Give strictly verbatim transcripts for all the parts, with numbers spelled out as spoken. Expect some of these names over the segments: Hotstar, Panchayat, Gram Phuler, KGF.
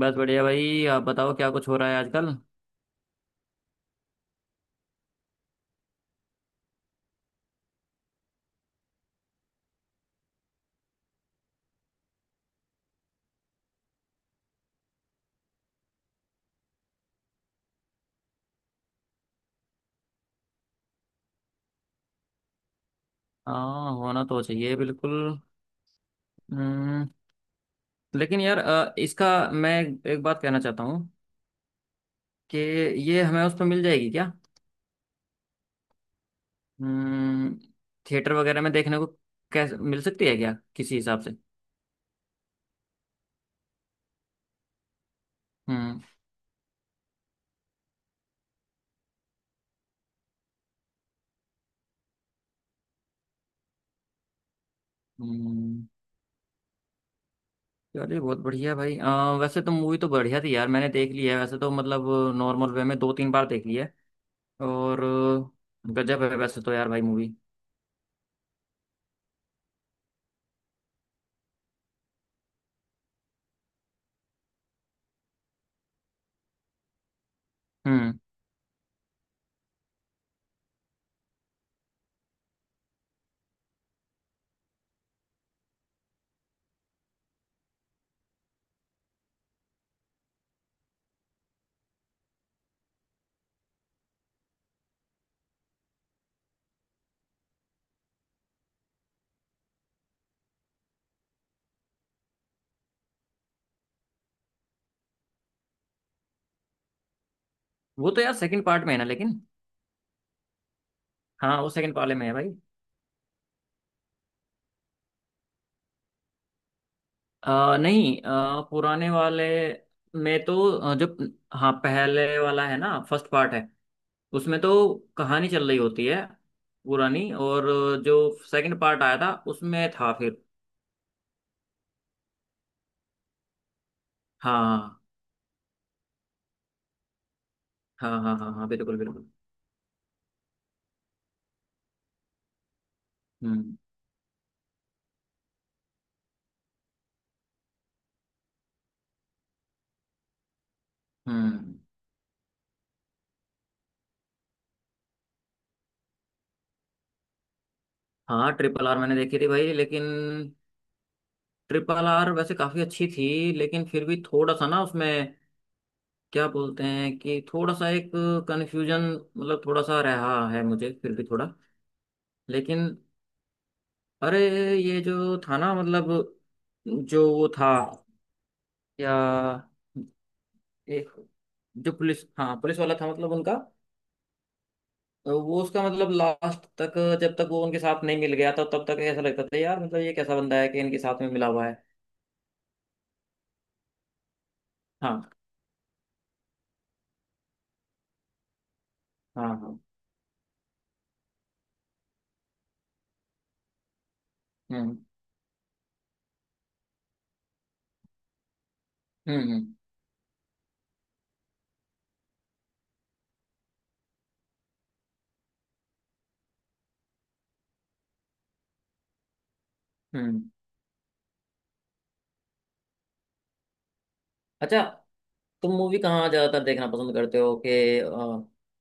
बस बढ़िया भाई। आप बताओ क्या कुछ हो रहा है आजकल। हाँ होना तो चाहिए बिल्कुल। हम्म, लेकिन यार अ, इसका मैं एक बात कहना चाहता हूँ कि ये हमें उस पर मिल जाएगी क्या। हम्म, थिएटर वगैरह में देखने को कैसे मिल सकती है क्या किसी हिसाब से। हम्म। हम्म, चलिए बहुत बढ़िया भाई। अ, वैसे तो मूवी तो बढ़िया थी यार, मैंने देख ली है वैसे तो मतलब नॉर्मल वे में दो तीन बार देख ली है। और अ, गजब है वैसे तो यार भाई मूवी। हम्म। वो तो यार सेकंड पार्ट में है ना लेकिन। हाँ वो सेकंड वाले में है भाई। आ, नहीं आ, पुराने वाले में तो अ, जो, हाँ पहले वाला है ना, फर्स्ट पार्ट है उसमें तो कहानी चल रही होती है पुरानी। और जो सेकंड पार्ट आया था उसमें था फिर। हाँ हाँ हाँ हाँ हाँ बिल्कुल बिल्कुल। हम्म हम्म। हाँ ट्रिपल आर मैंने देखी थी भाई, लेकिन ट्रिपल आर वैसे काफी अच्छी थी, लेकिन फिर भी थोड़ा सा ना उसमें क्या बोलते हैं कि थोड़ा सा एक कन्फ्यूजन मतलब थोड़ा सा रहा है मुझे फिर भी थोड़ा। लेकिन, अरे, ये जो था ना मतलब, जो वो था, या एक जो पुलिस, हाँ पुलिस वाला था मतलब उनका, वो उसका मतलब लास्ट तक जब तक वो उनके साथ नहीं मिल गया था तब तक ऐसा लगता था यार, मतलब ये कैसा बंदा है कि इनके साथ में मिला हुआ है। हाँ हाँ हाँ। हम्म हम्म हम्म। हम्म। अच्छा तुम मूवी कहाँ ज्यादातर देखना पसंद करते हो कि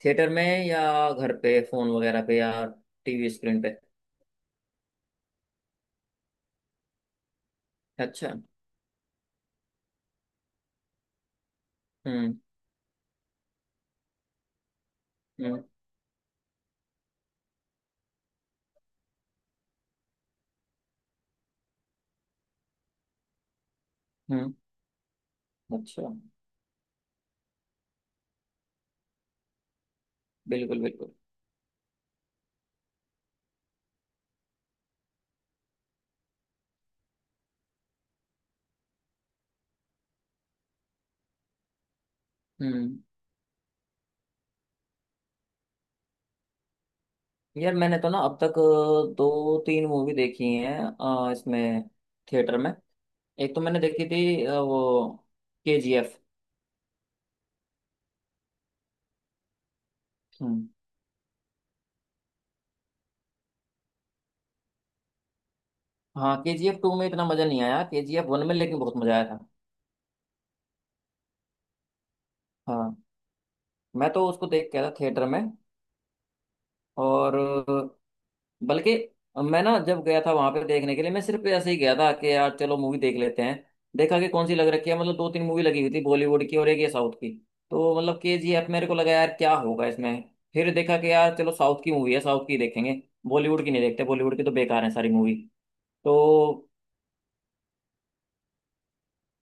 थिएटर में या घर पे फोन वगैरह पे या टीवी स्क्रीन पे। अच्छा। हम्म हम्म हम्म। अच्छा। बिल्कुल बिल्कुल। हम्म। यार मैंने तो ना अब तक अ, दो तीन मूवी देखी हैं अ, इसमें थिएटर में। एक तो मैंने देखी थी अ, वो के जी एफ। हम्म। हाँ के जी एफ टू में इतना मजा नहीं आया, के जी एफ वन में लेकिन बहुत मजा आया था। हाँ मैं तो उसको देख के आया था थिएटर में। और बल्कि मैं ना जब गया था वहां पे देखने के लिए, मैं सिर्फ ऐसे ही गया था कि यार चलो मूवी देख लेते हैं। देखा कि कौन सी लग रखी है, मतलब दो तीन मूवी लगी हुई थी बॉलीवुड की और एक ये साउथ की। तो मतलब के जी एफ, मेरे को लगा यार क्या होगा इसमें। फिर देखा कि यार चलो साउथ की मूवी है, साउथ की देखेंगे, बॉलीवुड की नहीं देखते, बॉलीवुड की तो बेकार है सारी मूवी। तो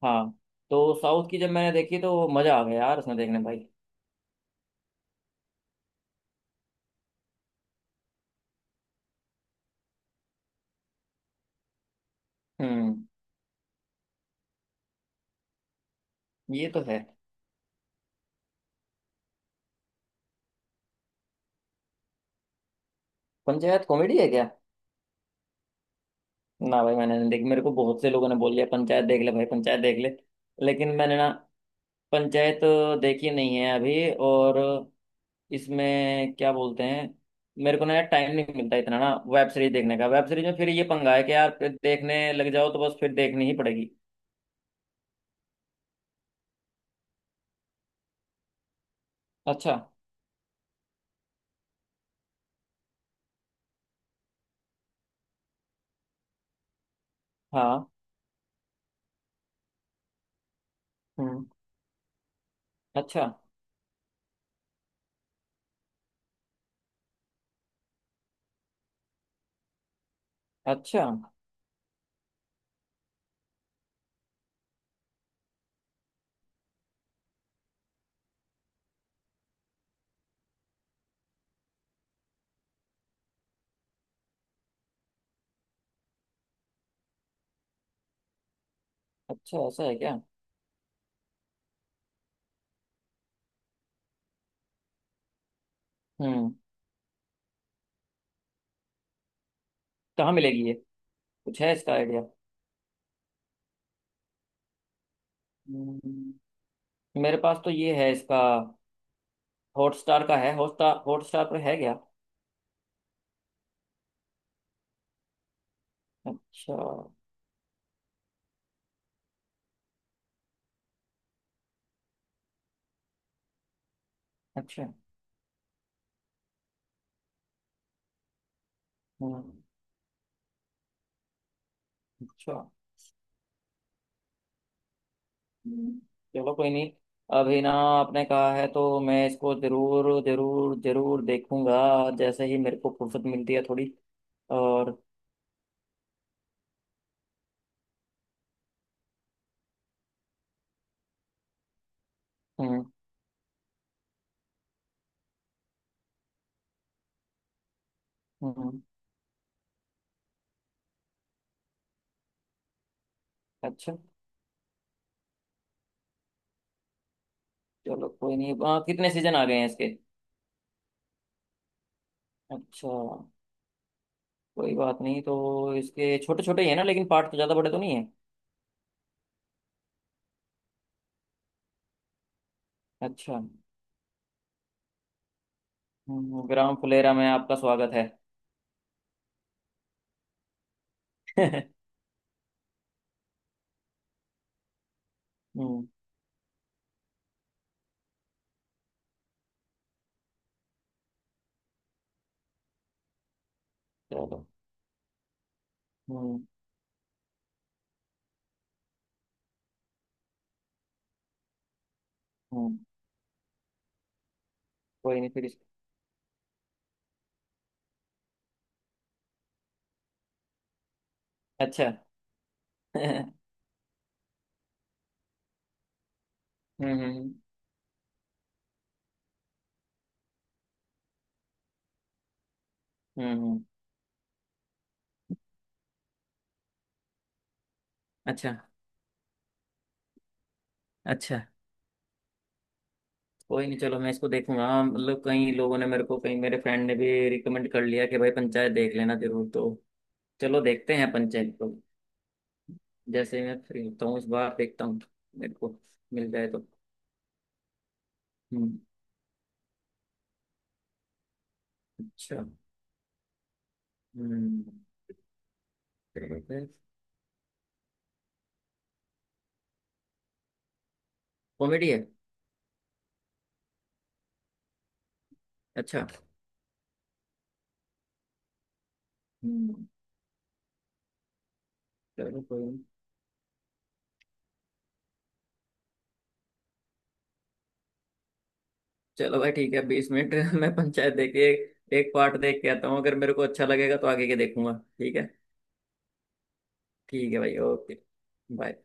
हाँ, तो साउथ की जब मैंने देखी तो मजा आ गया यार उसमें देखने भाई। हम्म। ये तो है। पंचायत कॉमेडी है क्या। ना भाई मैंने नहीं देखी, मेरे को बहुत से लोगों ने बोल लिया पंचायत देख ले भाई, पंचायत देख ले। लेकिन मैंने ना पंचायत देखी नहीं है अभी, और इसमें क्या बोलते हैं, मेरे को ना यार टाइम नहीं मिलता इतना ना वेब सीरीज देखने का। वेब सीरीज में फिर ये पंगा है कि यार फिर देखने लग जाओ तो बस फिर देखनी ही पड़ेगी। अच्छा। हाँ। हम्म। अच्छा। अच्छा। अच्छा ऐसा है क्या। हम्म। कहाँ मिलेगी ये, कुछ है इसका आइडिया। हम्म। मेरे पास तो ये है इसका, हॉटस्टार का है हॉटस्टार, हॉटस्टार पर है क्या। अच्छा। अच्छा। हम्म। अच्छा। हम्म। चलो कोई नहीं। अभी ना आपने कहा है तो मैं इसको जरूर जरूर जरूर देखूंगा, जैसे ही मेरे को फुर्सत मिलती है थोड़ी। और हम्म हम्म। अच्छा। चलो कोई नहीं, आ, कितने सीजन आ गए हैं इसके। अच्छा। कोई बात नहीं, तो इसके छोटे छोटे ही है ना लेकिन, पार्ट तो ज़्यादा बड़े तो नहीं है। अच्छा। हम्म, ग्राम फुलेरा में आपका स्वागत है। हम्म। चलो। हम्म हम्म। कोई नहीं फिर इस- अच्छा। हम्म हम्म हम्म हम्म। अच्छा। अच्छा कोई नहीं, चलो मैं इसको देखूंगा हाँ, मतलब कई लोगों ने मेरे को, कहीं मेरे फ्रेंड ने भी रिकमेंड कर लिया कि भाई पंचायत देख लेना जरूर, तो चलो देखते हैं पंचायत को। जैसे ही मैं फ्री होता हूँ इस बार देखता हूँ। मेरे को मिल जाए तो। हम्म। अच्छा। हम्म। कॉमेडी है। अच्छा। हम्म, चलो कोई नहीं। चलो भाई ठीक है। बीस मिनट मैं पंचायत देख के एक पार्ट देख के आता हूँ, अगर मेरे को अच्छा लगेगा तो आगे के देखूंगा। ठीक है। ठीक है भाई ओके। बाय।